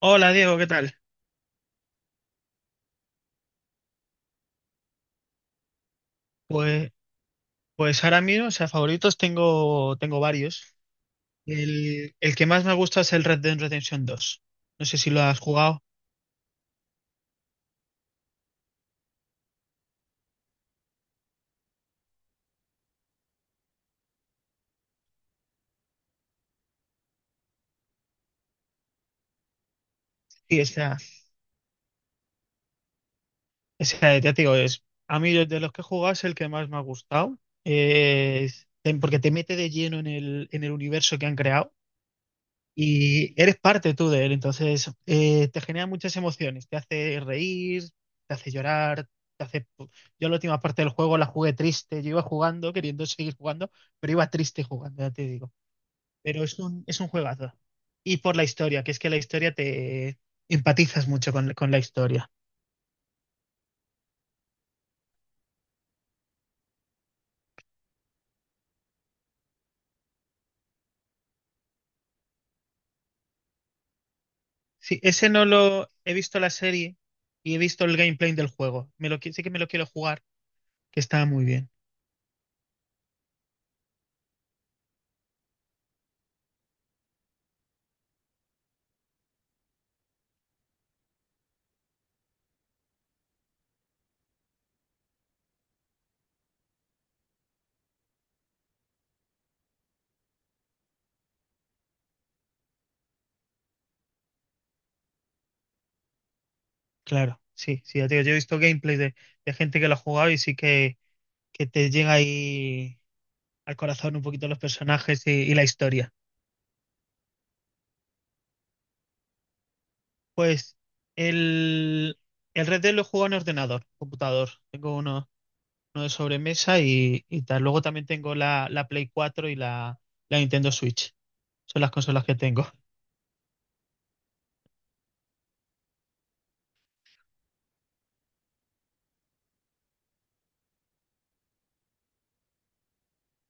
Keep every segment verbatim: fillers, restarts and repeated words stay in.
Hola Diego, ¿qué tal? Pues, pues ahora mismo, o sea, favoritos tengo, tengo varios. El, el que más me gusta es el Red Dead Redemption dos. No sé si lo has jugado. Sí, o sea, o sea, ya te digo, es, a mí de de los que he jugado es el que más me ha gustado. Eh, es- Porque te mete de lleno en el, en el universo que han creado. Y eres parte tú de él, entonces eh, te genera muchas emociones, te hace reír, te hace llorar, te hace. Yo la última parte del juego la jugué triste, yo iba jugando, queriendo seguir jugando, pero iba triste jugando, ya te digo. Pero es un, es un juegazo. Y por la historia, que es que la historia te empatizas mucho con, con la historia. Sí, ese no lo he visto la serie y he visto el gameplay del juego. Me lo, qui- sí que me lo quiero jugar, que está muy bien. Claro, sí, sí, ya te digo, yo he visto gameplays de, de gente que lo ha jugado y sí que, que te llega ahí al corazón un poquito los personajes y, y la historia. Pues el, el Red Dead lo he jugado en ordenador, computador. Tengo uno, uno de sobremesa y, y tal. Luego también tengo la, la Play cuatro y la, la Nintendo Switch. Son las consolas que tengo.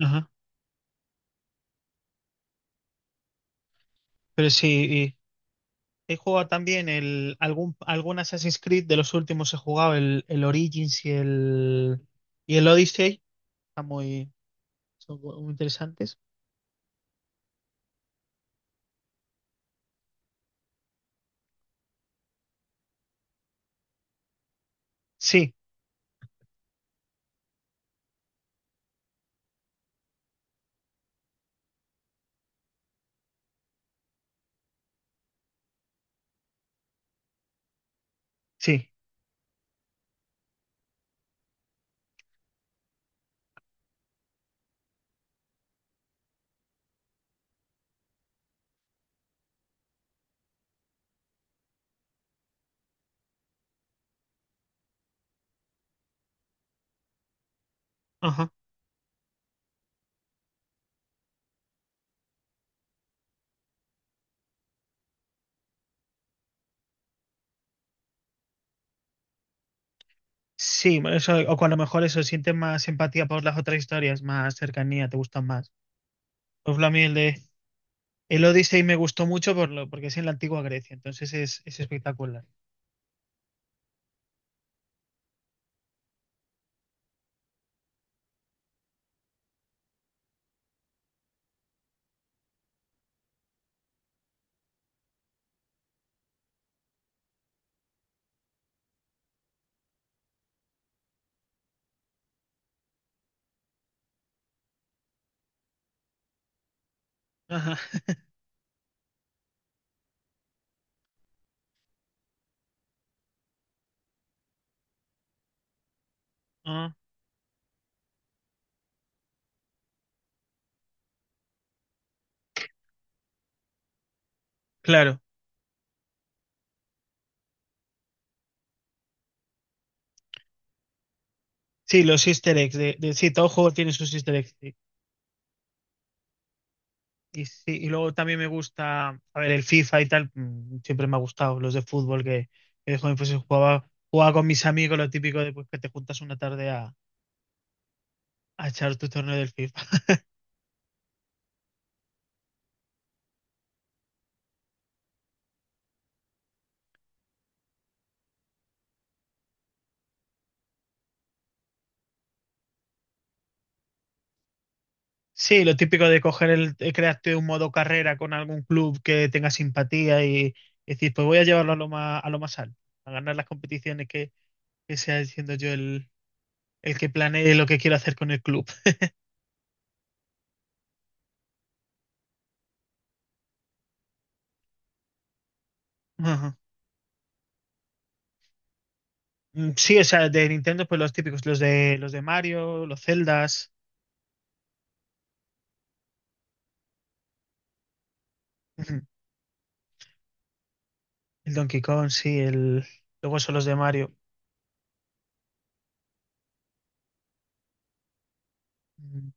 Ajá. Pero sí, y he jugado también el, algún, algún Assassin's Creed de los últimos he jugado, el, el Origins y el, y el Odyssey. Están muy, Son muy interesantes. Sí, sí. Ajá. Sí, bueno, eso, o con lo mejor eso, sientes más empatía por las otras historias, más cercanía, te gustan más. Por ejemplo, a mí el de el Odyssey me gustó mucho por lo, porque es en la antigua Grecia, entonces es, es espectacular. Ajá. Ah, claro, sí, los easter eggs, de, de- sí, todo juego tiene sus easter eggs. Sí. Y, sí, y luego también me gusta, a ver, el FIFA y tal, mm, siempre me ha gustado, los de fútbol que, que de joven pues jugaba, jugaba, con mis amigos, lo típico de pues, que te juntas una tarde a echar tu torneo del FIFA. Sí, lo típico de coger el, eh, crearte un modo carrera con algún club que tenga simpatía y, decir, pues voy a llevarlo a lo más, a lo más alto, a ganar las competiciones que, que sea siendo yo el, el que planee lo que quiero hacer con el club. Ajá. Mm, sí, o sea, de Nintendo, pues los típicos, los de los de Mario, los Zeldas, ujú, el Donkey Kong, sí, el luego son los de Mario. Mm.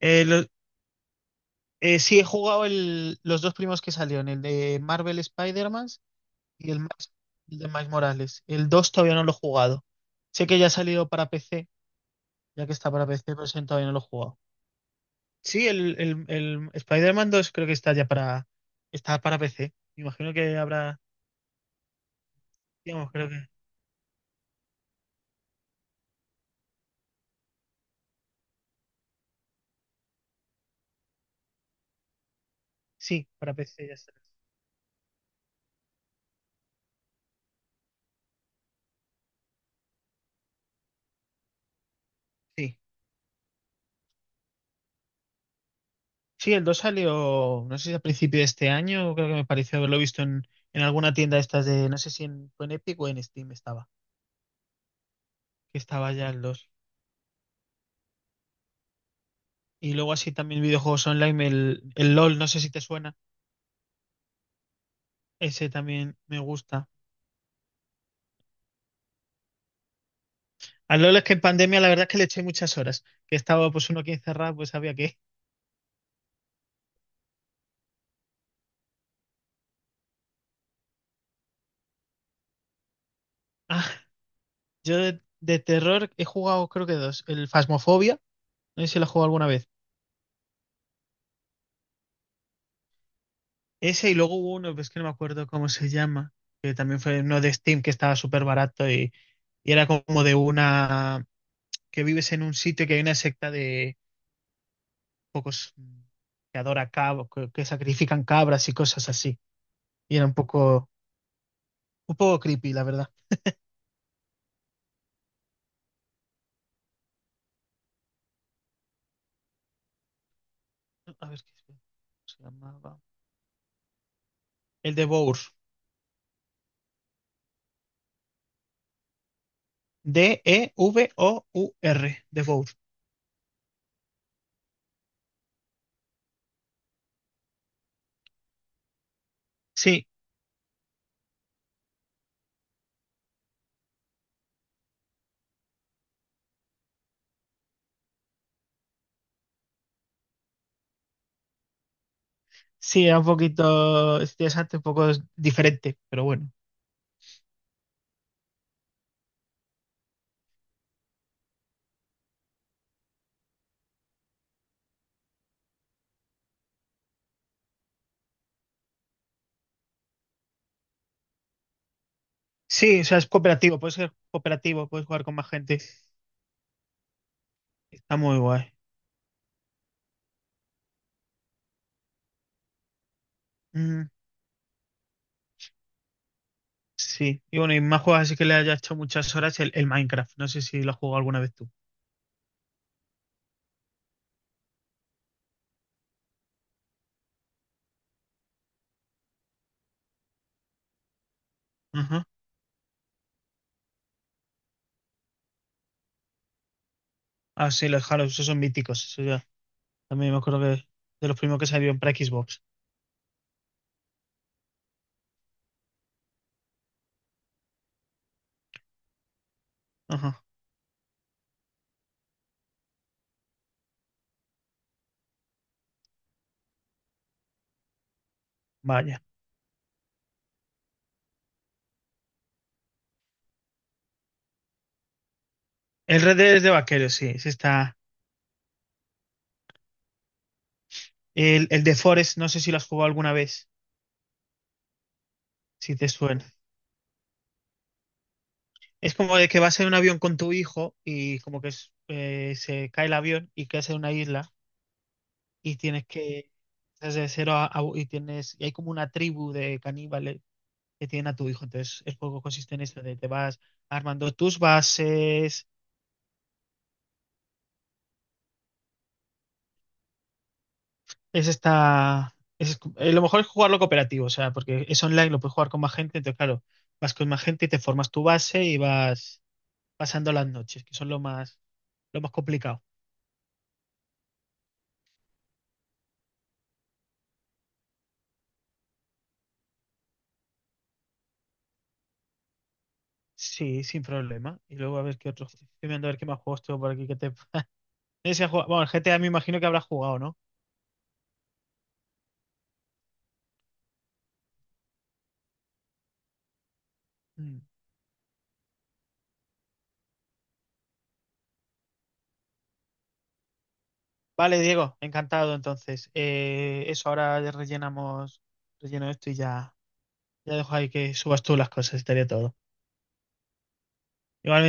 Eh, lo- eh, sí, he jugado el, los dos primos que salieron, el de Marvel Spider-Man y el, Miles- el de Miles Morales. El dos todavía no lo he jugado. Sé que ya ha salido para P C, ya que está para P C, pero ese todavía no lo he jugado. Sí, el, el, el Spider-Man dos creo que está ya para, está para P C. Me imagino que habrá, digamos, creo que sí, para P C ya está. Sí. Sí, el dos salió, no sé si a principio de este año, creo que me pareció haberlo visto en, en alguna tienda de estas de, no sé si en, fue en Epic o en Steam estaba, que estaba ya el dos. Y luego así también videojuegos online, el, el LOL, no sé si te suena. Ese también me gusta. Al LOL es que en pandemia la verdad es que le eché muchas horas. Que estaba pues uno aquí encerrado, pues había que. Ah, yo de, de terror he jugado creo que dos. El Phasmophobia, no sé si lo he jugado alguna vez. Ese y luego hubo uno, pues que no me acuerdo cómo se llama. Que también fue uno de Steam que estaba súper barato y, y era como de una. Que vives en un sitio y que hay una secta de pocos que adora cabos, que, que sacrifican cabras y cosas así. Y era un poco, un poco creepy, la verdad. A ver qué se llamaba. El de Devour. D E V O U R. Devour. Sí, sí, era un poquito es interesante, un poco es diferente, pero bueno. Sí, o sea, es cooperativo, puedes ser cooperativo, puedes jugar con más gente. Está muy guay. Mm, sí, y bueno, y más juegos así que le haya hecho muchas horas el, el Minecraft. No sé si lo has jugado alguna vez tú. Ajá. Ah, sí, los Halo, esos son míticos. Eso ya. También me acuerdo que de los primeros que salieron para Xbox. Ajá, vaya. El Red Dead es de vaqueros, sí, sí está. El, el de Forest, no sé si lo has jugado alguna vez, si te suena. Es como de que vas en un avión con tu hijo y como que es- eh, se cae el avión y quedas en una isla y tienes que desde cero a, a- y tienes y hay como una tribu de caníbales que tienen a tu hijo. Entonces el juego consiste en esto de te vas armando tus bases. Es esta es eh, Lo mejor es jugarlo cooperativo, o sea, porque es online, lo puedes jugar con más gente, entonces claro, vas con más gente y te formas tu base y vas pasando las noches, que son lo más Lo más complicado. Sí, sin problema. Y luego a ver qué otros. Estoy mirando a ver qué más juegos tengo por aquí que te. Ese ha jugado- Bueno, el G T A me imagino que habrás jugado, ¿no? Mm. Vale, Diego, encantado entonces. Eh, eso, ahora ya rellenamos, relleno esto y ya, ya dejo ahí que subas tú las cosas, estaría todo. Igual